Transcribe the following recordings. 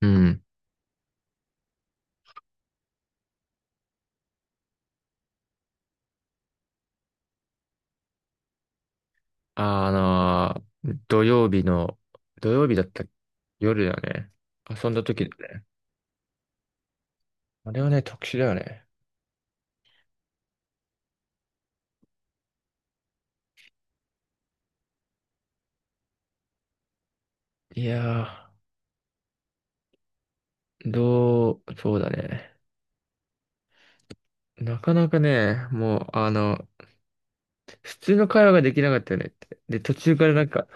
うん。あ土曜日の、土曜日だった夜だよね。遊んだ時だね。あれはね、特殊だよね。いやそうだね。なかなかね、もう、普通の会話ができなかったよねって。で、途中からなんか、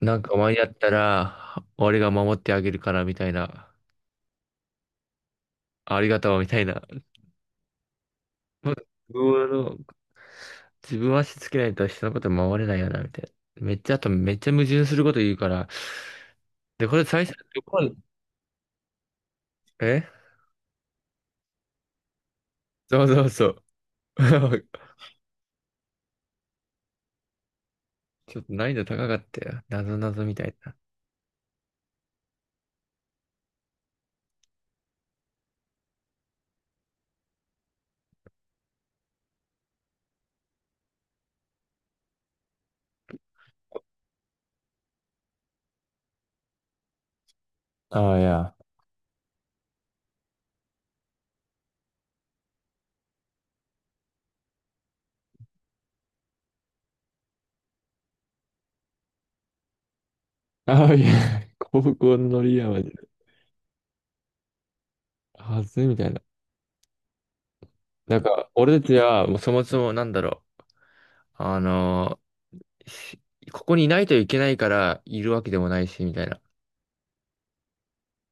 なんかお前やったら、俺が守ってあげるから、みたいな。ありがとう、みたいな。もう自分は足つけないと人のこと守れないよな、みたいな。めっちゃ、あとめっちゃ矛盾すること言うから、で、これ最初、どこ、えそうそうそう。ちょっと難易度高かったよ。なぞなぞみたいな。ああ、いや。ああ、いや。高校のリアマジで。はずいみたいな。なんか、俺たちは、もうそもそもなんだろう。あのーしここにいないといけないからいるわけでもないし、みたいな。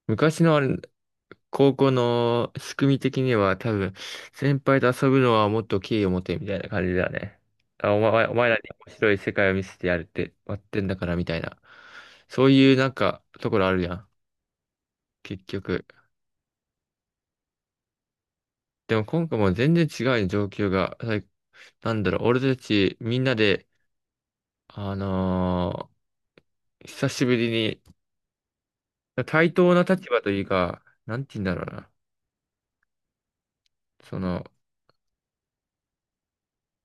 昔のあれ、高校の仕組み的には多分、先輩と遊ぶのはもっと敬意を持てみたいな感じだよね。あ、お前らに面白い世界を見せてやるって、割ってんだからみたいな。そういうなんか、ところあるやん。結局。でも今回もう全然違うよ状況が。はい、なんだろう、俺たちみんなで、あのー久しぶりに、対等な立場というか、なんて言うんだろうな。その、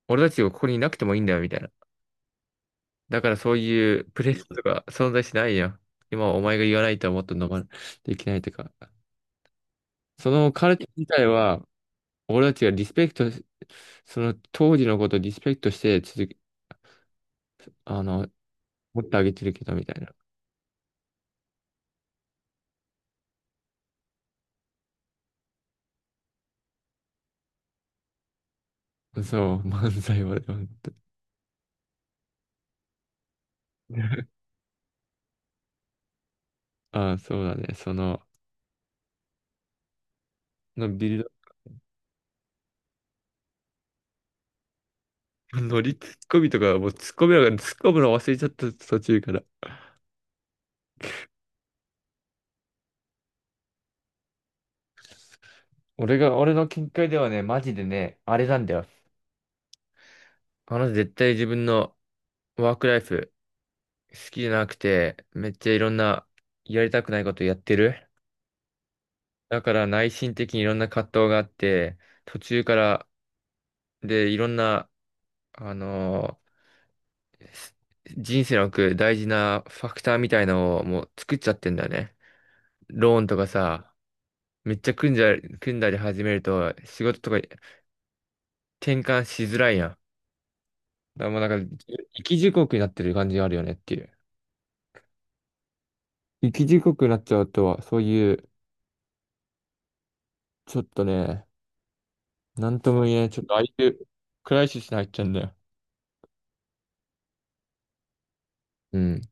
俺たちがここにいなくてもいいんだよみたいな。だからそういうプレスとか存在しないやん。今はお前が言わないとはもっと飲まないといけないとか。そのカルテ自体は、俺たちがリスペクトし、その当時のことをリスペクトして続け、あの、持ってあげてるけどみたいな。そう、漫才はね、本当にああ、そうだね。その、のビルド、ノリツッコミとか、もうツッコミなんかツッコむの忘れちゃった途中から。俺の見解ではね、マジでね、あれなんだよ。あの絶対自分のワークライフ好きじゃなくて、めっちゃいろんなやりたくないことやってる。だから内心的にいろんな葛藤があって、途中からでいろんな、あのーす人生の奥大事なファクターみたいのをもう作っちゃってんだよね。ローンとかさ、めっちゃ組んじゃ、組んだり始めると仕事とか転換しづらいやん。だからもうなんか、生き地獄になってる感じがあるよねっていう。生き地獄になっちゃうとは、そういう、ちょっとね、なんとも言えない。ちょっと相手、クライシスに入っちゃうんだよ。うん。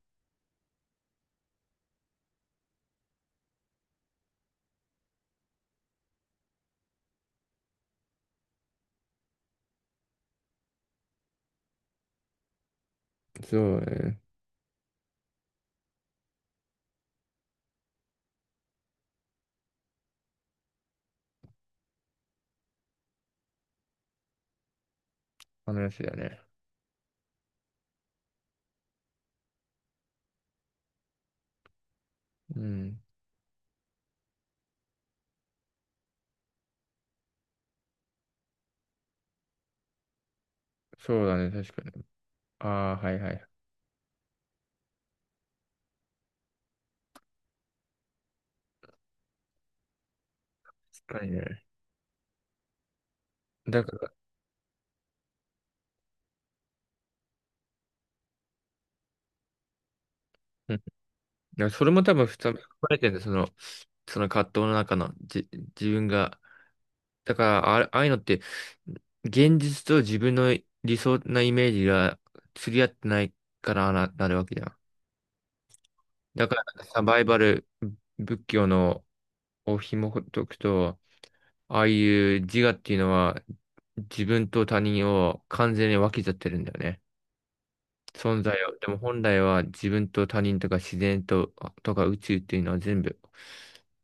そうだね。話だね。うん。そうだね。確かに。ああ、はいはい。確かにね。だから、うん。だからそれも多分普通含まれてるんだよ。その、その葛藤の中の、自分が。だから、ああいうのって、現実と自分の理想なイメージが釣り合ってないからな、なるわけじゃん。だから、サバイバル、仏教のお紐解くと、ああいう自我っていうのは、自分と他人を完全に分けちゃってるんだよね。存在を。でも本来は自分と他人とか自然と、とか宇宙っていうのは全部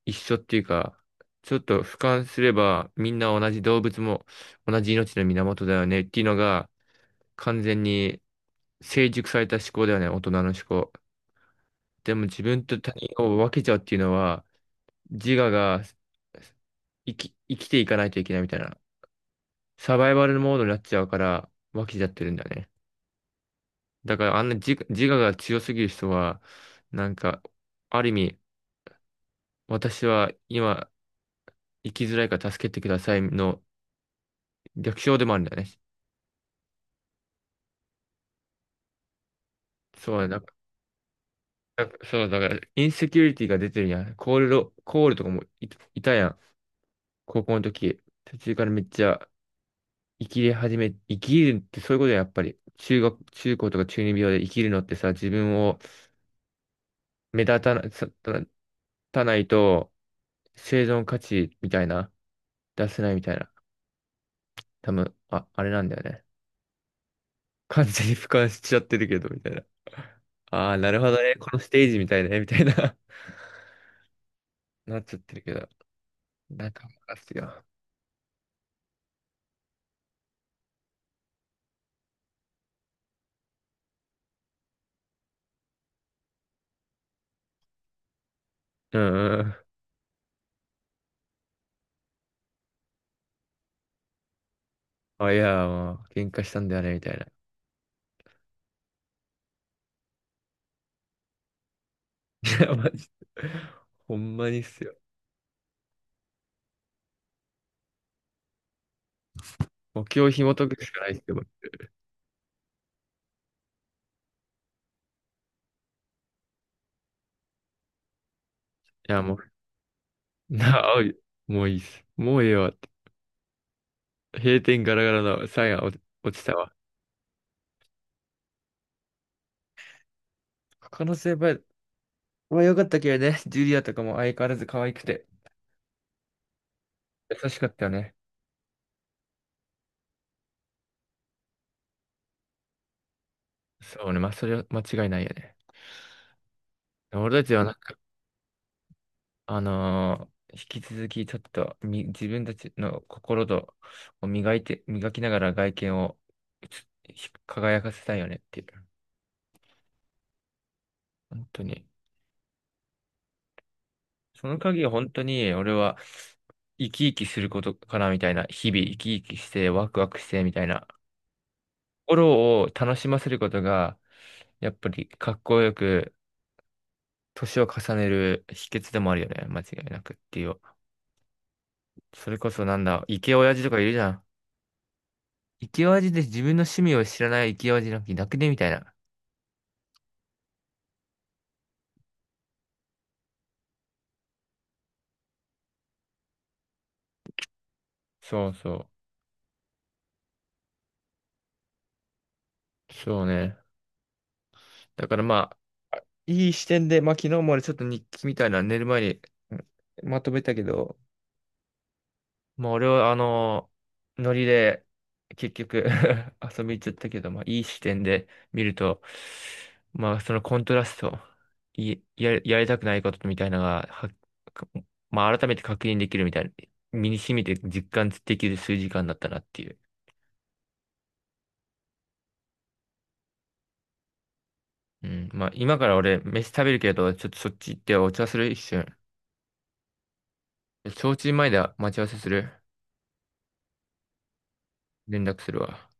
一緒っていうか、ちょっと俯瞰すればみんな同じ動物も同じ命の源だよねっていうのが完全に成熟された思考だよね、大人の思考。でも自分と他人を分けちゃうっていうのは自我が生きていかないといけないみたいな。サバイバルモードになっちゃうから、湧きちゃってるんだね。だからあんな自我が強すぎる人は、なんか、ある意味、私は今、生きづらいから助けてくださいの逆称でもあるんだよね。そうだ、だだそうだから、インセキュリティが出てるやん。コールとかもいたやん。高校の時。途中からめっちゃ生きり始め、生きるってそういうことやっぱり。中高とか中二病で生きるのってさ、自分を目立たないと生存価値みたいな、出せないみたいな。多分、あれなんだよね。完全に俯瞰しちゃってるけど、みたいな。ああ、なるほどね。このステージみたいね、みたいな。なっちゃってるけど。なんか、任すよ。うんうん。あ、いや、もう、喧嘩したんだよね、みたいな。いや、マジで。ほんまにっすよ。目標を紐解くしかないっすよ。いや、もう、なあ、おい、もういいっす。もうええわって。閉店ガラガラのサインが落ちたわ。可能性は、まあ良かったけどね、ジュリアとかも相変わらず可愛くて、優しかったよね。そうね、まあそれは間違いないよね。俺たちはなんか、引き続きちょっと自分たちの心とを磨いて、磨きながら外見を輝かせたいよねっていう。本当に。その鍵は本当に俺は生き生きすることかなみたいな、日々生き生きしてワクワクしてみたいな。心を楽しませることが、やっぱりかっこよく年を重ねる秘訣でもあるよね。間違いなくっていう。それこそなんだ、イケオヤジとかいるじゃん。イケオヤジで自分の趣味を知らないイケオヤジなんていなくねみたいな。そうそう。そうね。だからまあ、いい視点で、まあ昨日も俺ちょっと日記みたいなの寝る前にうんまとめたけど、もう俺はあの、ノリで結局 遊び行っちゃったけど、まあいい視点で見ると、まあそのコントラスト、やりたくないことみたいなのが、かまあ改めて確認できるみたいな、身に染みて実感できる数時間だったなっていう。うん、まあ今から俺飯食べるけど、ちょっとそっち行ってお茶する一瞬。焼酎前で待ち合わせする。連絡するわ。